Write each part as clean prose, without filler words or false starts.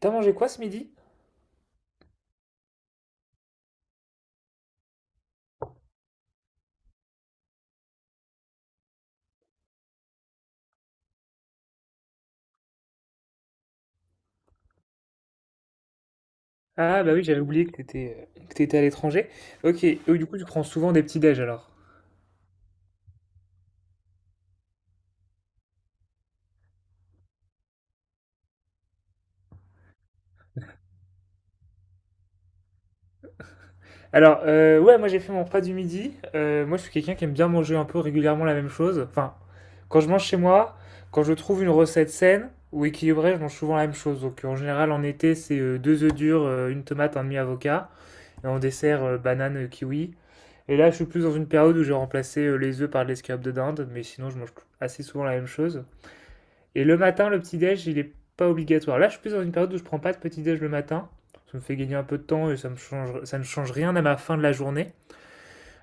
T'as mangé quoi ce midi? Ah bah oui, j'avais oublié que t'étais à l'étranger. Ok, et du coup tu prends souvent des petits déj alors. Alors ouais, moi j'ai fait mon repas du midi. Moi je suis quelqu'un qui aime bien manger un peu régulièrement la même chose. Enfin, quand je mange chez moi, quand je trouve une recette saine ou équilibrée, je mange souvent la même chose. Donc en général en été c'est deux œufs durs, une tomate, un demi avocat, et en dessert banane kiwi. Et là je suis plus dans une période où j'ai remplacé les œufs par de l'escalope de dinde, mais sinon je mange assez souvent la même chose. Et le matin, le petit-déj, il est pas obligatoire. Là, je suis plus dans une période où je ne prends pas de petit-déj le matin. Ça me fait gagner un peu de temps et ça me change, ça ne change rien à ma fin de la journée.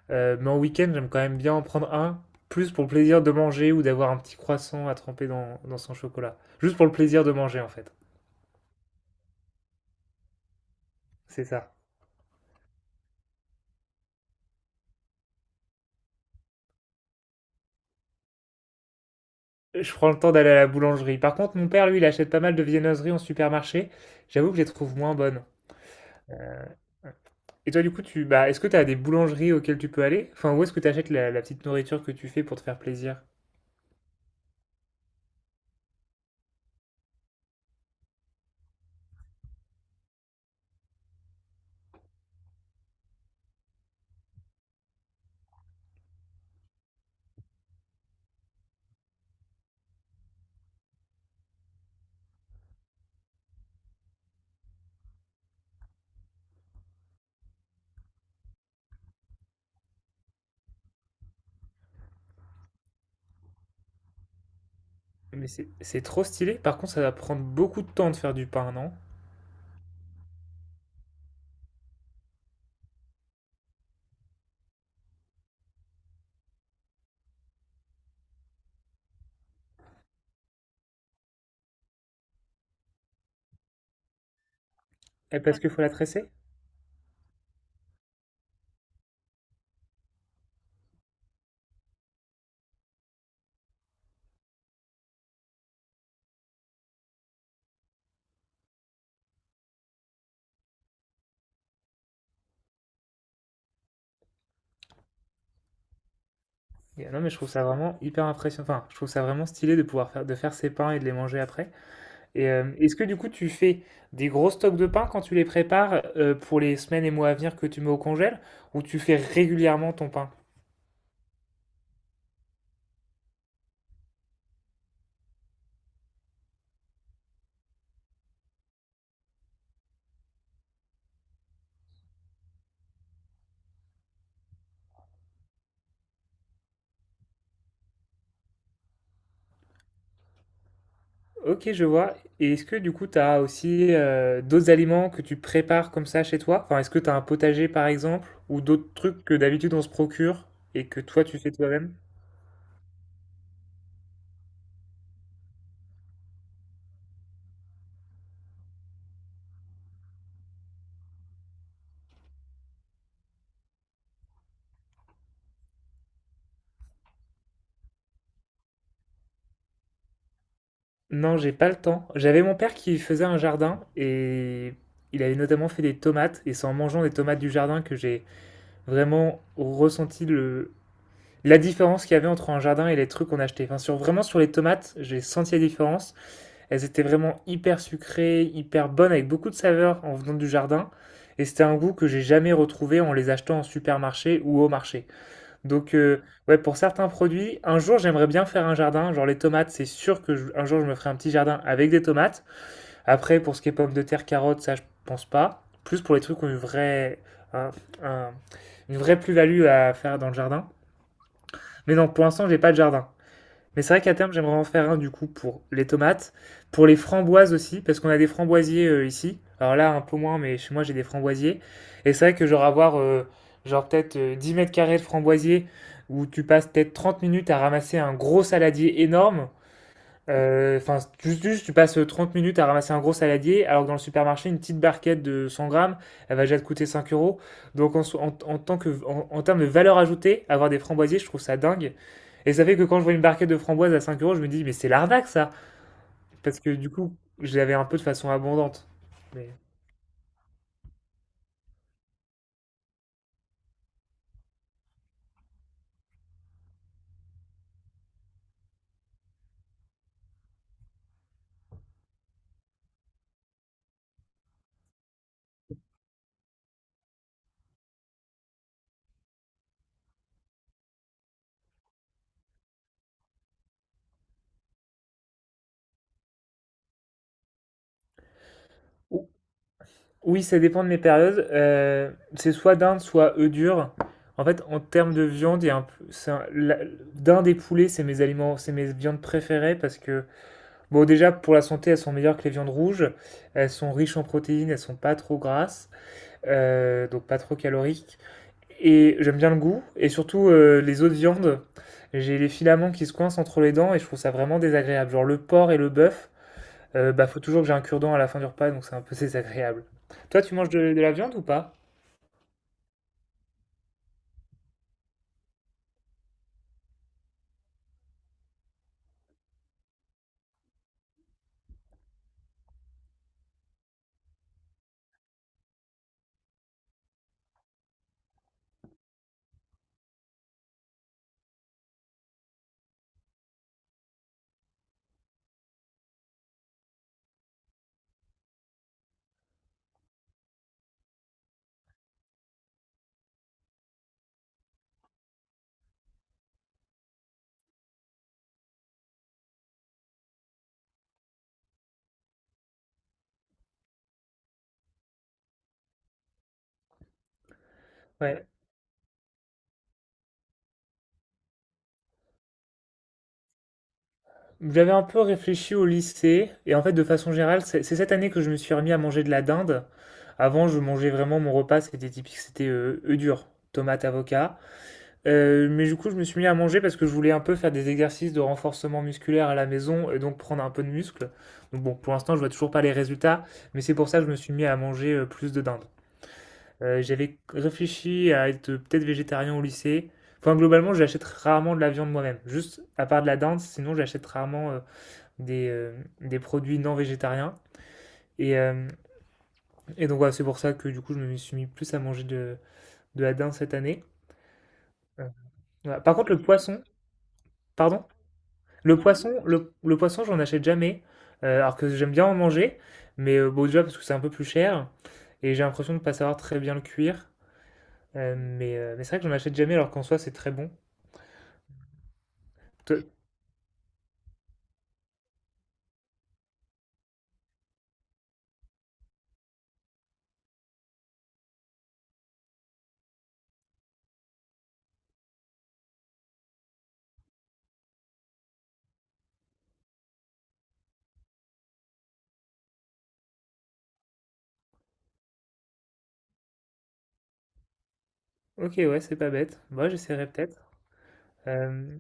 Mais en week-end, j'aime quand même bien en prendre un, plus pour le plaisir de manger ou d'avoir un petit croissant à tremper dans son chocolat. Juste pour le plaisir de manger, en fait. C'est ça. Je prends le temps d'aller à la boulangerie. Par contre, mon père, lui, il achète pas mal de viennoiseries en supermarché. J'avoue que je les trouve moins bonnes. Et toi, du coup, tu, bah, est-ce que tu as des boulangeries auxquelles tu peux aller? Enfin, où est-ce que tu achètes la petite nourriture que tu fais pour te faire plaisir? Mais c'est trop stylé. Par contre, ça va prendre beaucoup de temps de faire du pain, non? Et parce qu'il faut la tresser? Non, mais je trouve ça vraiment hyper impressionnant. Enfin, je trouve ça vraiment stylé de pouvoir faire, de faire ses pains et de les manger après. Et est-ce que du coup, tu fais des gros stocks de pain quand tu les prépares pour les semaines et mois à venir que tu mets au congèle, ou tu fais régulièrement ton pain? Ok, je vois. Et est-ce que du coup, tu as aussi d'autres aliments que tu prépares comme ça chez toi? Enfin, est-ce que tu as un potager par exemple, ou d'autres trucs que d'habitude on se procure et que toi tu fais toi-même? Non, j'ai pas le temps. J'avais mon père qui faisait un jardin et il avait notamment fait des tomates. Et c'est en mangeant des tomates du jardin que j'ai vraiment ressenti la différence qu'il y avait entre un jardin et les trucs qu'on achetait. Enfin, vraiment sur les tomates, j'ai senti la différence. Elles étaient vraiment hyper sucrées, hyper bonnes, avec beaucoup de saveur en venant du jardin. Et c'était un goût que j'ai jamais retrouvé en les achetant en supermarché ou au marché. Donc, ouais, pour certains produits, un jour j'aimerais bien faire un jardin. Genre les tomates, c'est sûr que un jour je me ferai un petit jardin avec des tomates. Après, pour ce qui est pommes de terre, carottes, ça je pense pas. Plus pour les trucs qui ont une vraie, un- un- une vraie plus-value à faire dans le jardin. Mais non, pour l'instant, j'ai pas de jardin. Mais c'est vrai qu'à terme, j'aimerais en faire un du coup pour les tomates, pour les framboises aussi, parce qu'on a des framboisiers ici. Alors là, un peu moins, mais chez moi, j'ai des framboisiers. Et c'est vrai que genre avoir peut-être 10 mètres carrés de framboisiers où tu passes peut-être 30 minutes à ramasser un gros saladier énorme, Enfin, juste, tu passes 30 minutes à ramasser un gros saladier, alors que dans le supermarché, une petite barquette de 100 grammes, elle va déjà te coûter 5 euros. Donc, en, so- en, en tant que, en, en termes de valeur ajoutée, avoir des framboisiers, je trouve ça dingue. Et ça fait que quand je vois une barquette de framboises à 5 euros, je me dis, mais c'est l'arnaque, ça! Parce que du coup, je l'avais un peu de façon abondante. Mais- Ou- Oui, ça dépend de mes périodes. C'est soit dinde, soit œufs durs. En fait, en termes de viande, il y a un peu- c'est un- la- dinde et poulet, c'est mes aliments, c'est mes viandes préférées parce que bon, déjà, pour la santé, elles sont meilleures que les viandes rouges. Elles sont riches en protéines, elles sont pas trop grasses, donc pas trop caloriques. Et j'aime bien le goût. Et surtout, les autres viandes, j'ai les filaments qui se coincent entre les dents et je trouve ça vraiment désagréable. Genre le porc et le bœuf, bah faut toujours que j'ai un cure-dent à la fin du repas, donc c'est un peu désagréable. Toi, tu manges de la viande ou pas? Ouais. J'avais un peu réfléchi au lycée, et en fait, de façon générale, c'est cette année que je me suis remis à manger de la dinde. Avant, je mangeais vraiment mon repas, c'était typique, c'était œufs durs, tomates, avocat. Mais du coup, je me suis mis à manger parce que je voulais un peu faire des exercices de renforcement musculaire à la maison et donc prendre un peu de muscle. Donc bon, pour l'instant, je vois toujours pas les résultats, mais c'est pour ça que je me suis mis à manger plus de dinde. J'avais réfléchi à être peut-être végétarien au lycée. Enfin, globalement, j'achète rarement de la viande moi-même. Juste à part de la dinde, sinon j'achète rarement. Des, euh, des produits non végétariens. Et, euh, et donc voilà, c'est pour ça que du coup je me suis mis plus à manger de la dinde cette année. Euh, voilà. Par contre le poisson, pardon, le poisson j'en achète jamais, alors que j'aime bien en manger, mais bon déjà parce que c'est un peu plus cher, et j'ai l'impression de ne pas savoir très bien le cuire. Mais c'est vrai que j'en achète jamais alors qu'en soi c'est très bon. Te- Ok, ouais, c'est pas bête, moi j'essaierai peut-être. Euh,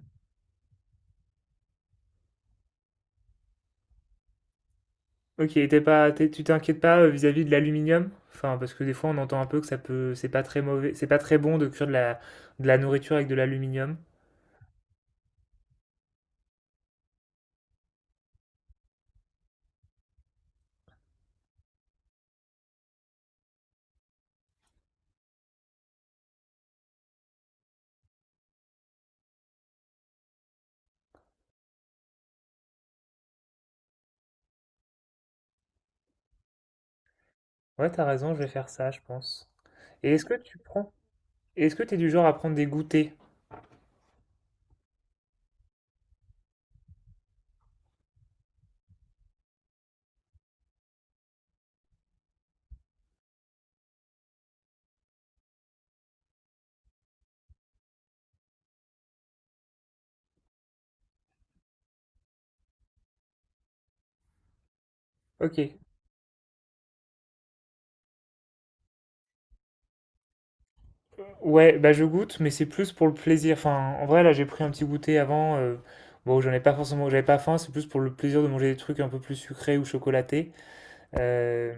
Ok, t'es pas, t'es- tu t'inquiètes pas vis-à-vis de l'aluminium? Enfin, parce que des fois on entend un peu que ça peut, c'est pas très mauvais, c'est pas très bon de cuire de de la nourriture avec de l'aluminium. Ouais, t'as raison, je vais faire ça, je pense. Et est-ce que tu prends, Est-ce que t'es du genre à prendre des goûters? Ok. Ouais, bah je goûte, mais c'est plus pour le plaisir. Enfin, en vrai, là j'ai pris un petit goûter avant. Bon, j'en ai pas forcément, j'avais pas faim, c'est plus pour le plaisir de manger des trucs un peu plus sucrés ou chocolatés. Euh,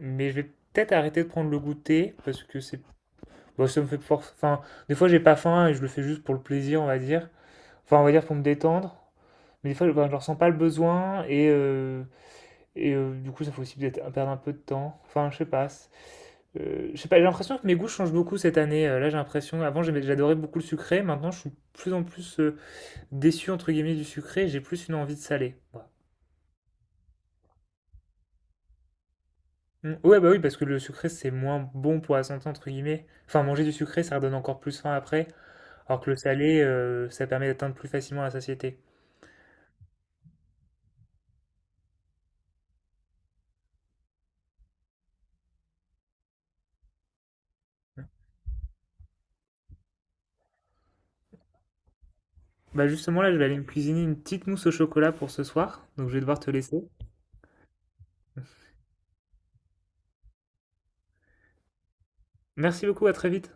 mais je vais peut-être arrêter de prendre le goûter parce que c'est bon, ça me fait force. Enfin, des fois, j'ai pas faim et je le fais juste pour le plaisir, on va dire. Enfin, on va dire pour me détendre. Mais des fois, ben, je ressens pas le besoin et du coup, ça fait aussi peut-être perdre un peu de temps. Enfin, je sais pas. Je sais pas, j'ai l'impression que mes goûts changent beaucoup cette année. Là, j'ai l'impression. Avant, j'adorais beaucoup le sucré. Maintenant, je suis de plus en plus déçu, entre guillemets, du sucré. J'ai plus une envie de salé. Voilà. Mm. Ouais, bah oui, parce que le sucré, c'est moins bon pour la santé, entre guillemets. Enfin, manger du sucré, ça redonne encore plus faim après. Alors que le salé, ça permet d'atteindre plus facilement la satiété. Bah justement, là, je vais aller me cuisiner une petite mousse au chocolat pour ce soir, donc je vais devoir te laisser. Merci beaucoup, à très vite.